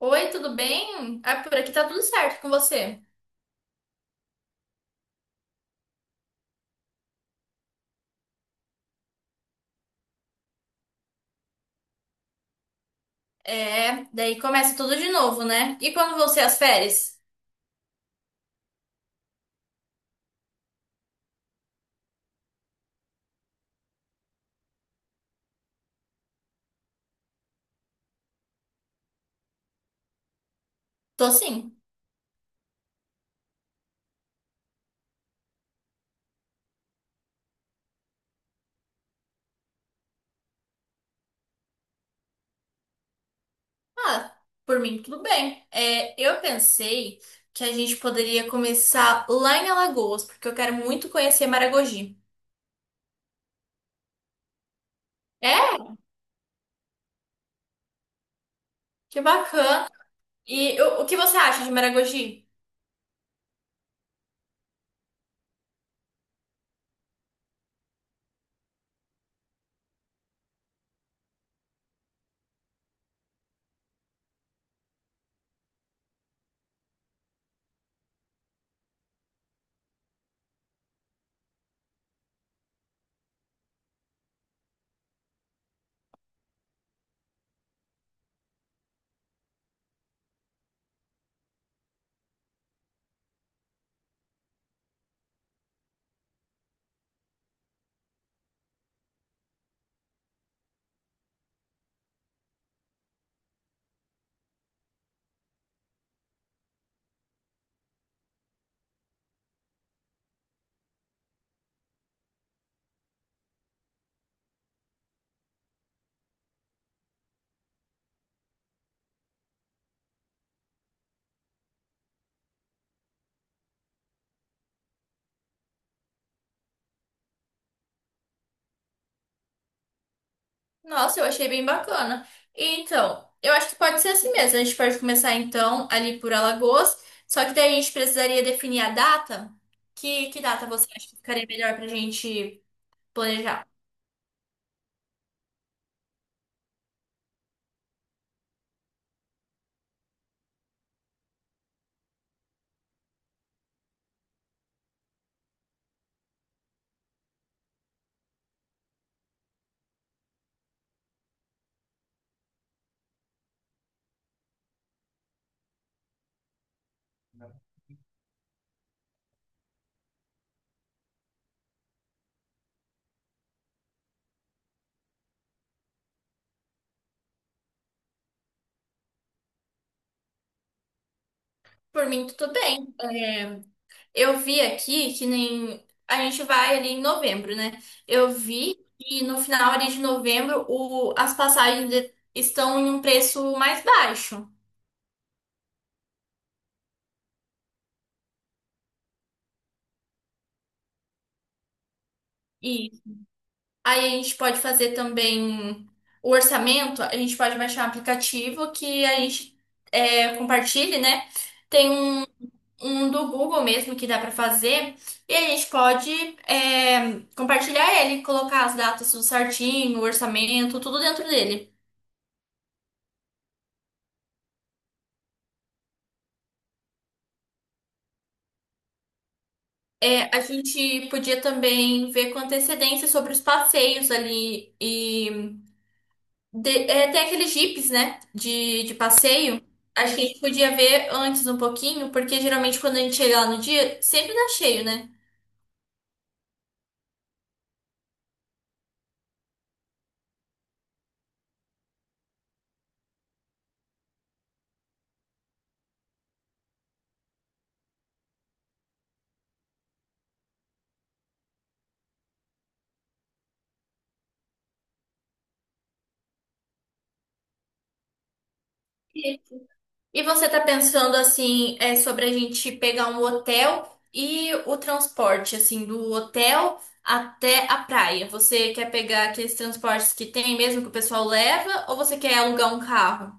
Oi, tudo bem? Ah, por aqui tá tudo certo com você. É, daí começa tudo de novo, né? E quando vão ser as férias? Tô sim. Ah, por mim tudo bem. É, eu pensei que a gente poderia começar lá em Alagoas, porque eu quero muito conhecer Maragogi. É? Que bacana. E o que você acha de Maragogi? Nossa, eu achei bem bacana. E, então, eu acho que pode ser assim mesmo. A gente pode começar então ali por Alagoas, só que daí a gente precisaria definir a data. Que data você acha que ficaria melhor pra gente planejar? Por mim, tudo bem. É, eu vi aqui que nem a gente vai ali em novembro, né? Eu vi que no final ali de novembro as passagens de- estão em um preço mais baixo. E aí a gente pode fazer também o orçamento, a gente pode baixar um aplicativo que a gente compartilhe, né? Tem um do Google mesmo que dá para fazer, e a gente pode compartilhar ele, colocar as datas tudo certinho, o orçamento, tudo dentro dele. É, a gente podia também ver com antecedência sobre os passeios ali e de- é, tem aqueles jipes, né, de passeio. Acho que a gente podia ver antes um pouquinho, porque geralmente quando a gente chega lá no dia, sempre dá cheio, né? E e você tá pensando assim, é, sobre a gente pegar um hotel e o transporte, assim, do hotel até a praia. Você quer pegar aqueles transportes que tem mesmo que o pessoal leva, ou você quer alugar um carro?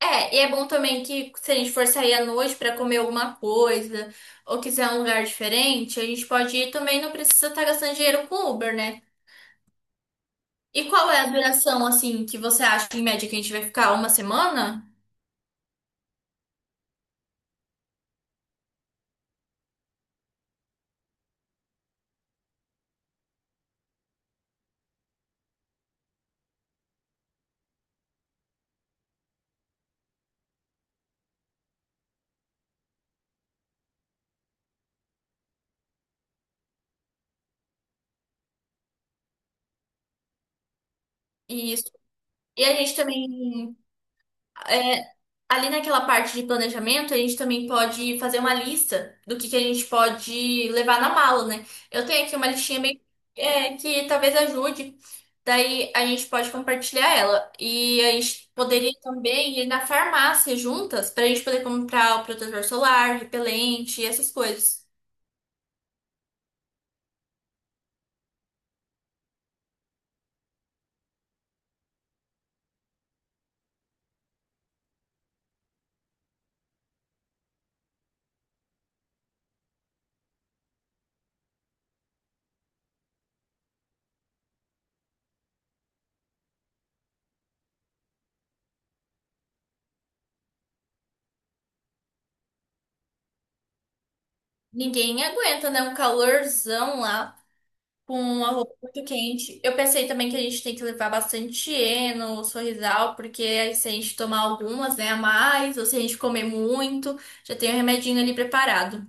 É, e é bom também que se a gente for sair à noite pra comer alguma coisa ou quiser um lugar diferente, a gente pode ir também, não precisa estar gastando dinheiro com Uber, né? E qual é a duração, assim, que você acha em média que a gente vai ficar uma semana? Isso. E a gente também é, ali naquela parte de planejamento, a gente também pode fazer uma lista do que a gente pode levar na mala, né? Eu tenho aqui uma listinha bem, é, que talvez ajude. Daí a gente pode compartilhar ela. E a gente poderia também ir na farmácia juntas para a gente poder comprar o protetor solar, repelente, essas coisas. Ninguém aguenta, né? Um calorzão lá com uma roupa muito quente. Eu pensei também que a gente tem que levar bastante Eno, Sorrisal, porque aí se a gente tomar algumas, né, a mais, ou se a gente comer muito, já tem o remedinho ali preparado.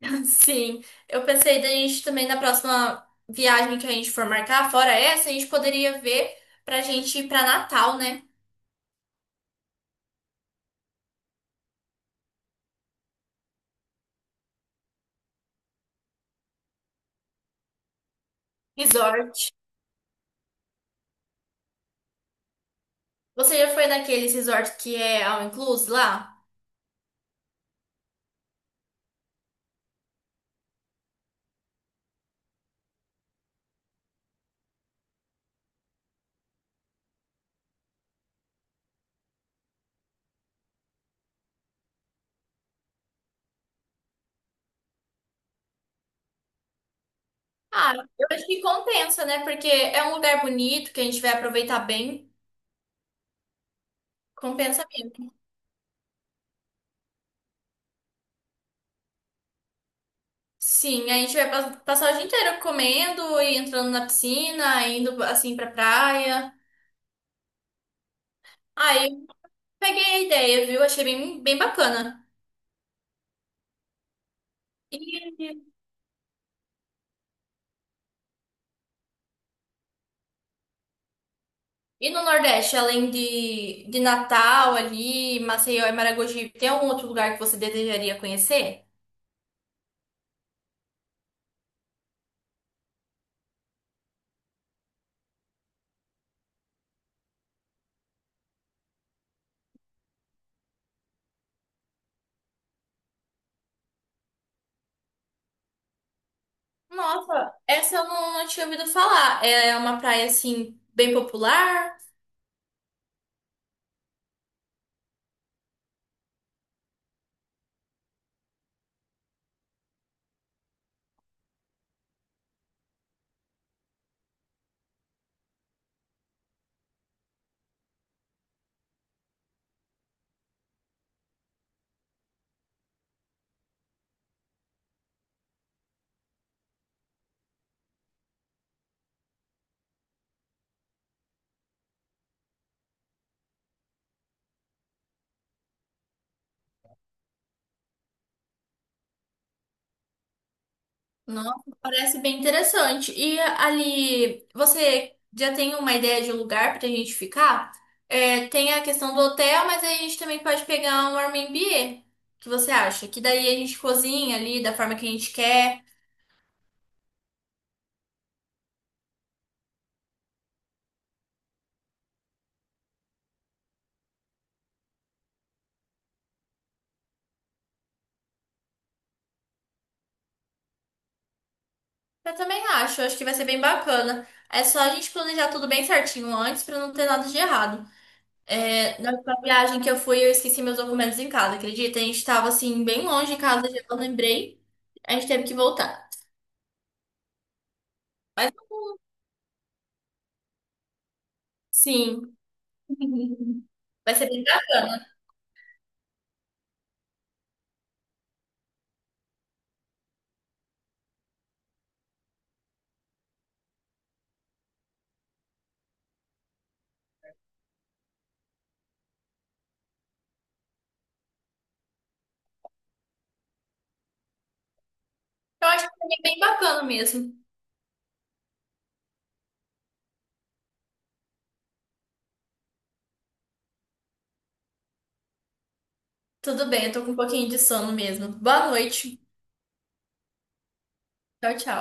Sim, eu pensei da gente também na próxima viagem que a gente for marcar, fora essa, a gente poderia ver pra gente ir pra Natal, né? Resort. Você já foi naqueles resort que é all inclusive lá? Ah, eu acho que compensa, né? Porque é um lugar bonito que a gente vai aproveitar bem. Compensa. Sim, a gente vai passar o dia inteiro comendo e entrando na piscina, indo assim pra praia. Aí peguei a ideia, viu? Achei bem bacana. E, e no Nordeste, além de Natal ali, Maceió e Maragogi, tem algum outro lugar que você desejaria conhecer? Nossa, essa eu não tinha ouvido falar. É uma praia assim, bem popular. Nossa, parece bem interessante. E ali, você já tem uma ideia de um lugar pra gente ficar? É, tem a questão do hotel, mas aí a gente também pode pegar um Airbnb. O que você acha? Que daí a gente cozinha ali da forma que a gente quer. Eu também acho, acho que vai ser bem bacana. É só a gente planejar tudo bem certinho antes pra não ter nada de errado. É, na última viagem que eu fui, eu esqueci meus documentos em casa, acredita? A gente tava assim, bem longe de casa, já não lembrei. A gente teve que voltar. Mas sim. Vai ser bem bacana. Eu acho que vai ser bem bacana mesmo. Tudo bem, eu tô com um pouquinho de sono mesmo. Boa noite. Tchau, tchau.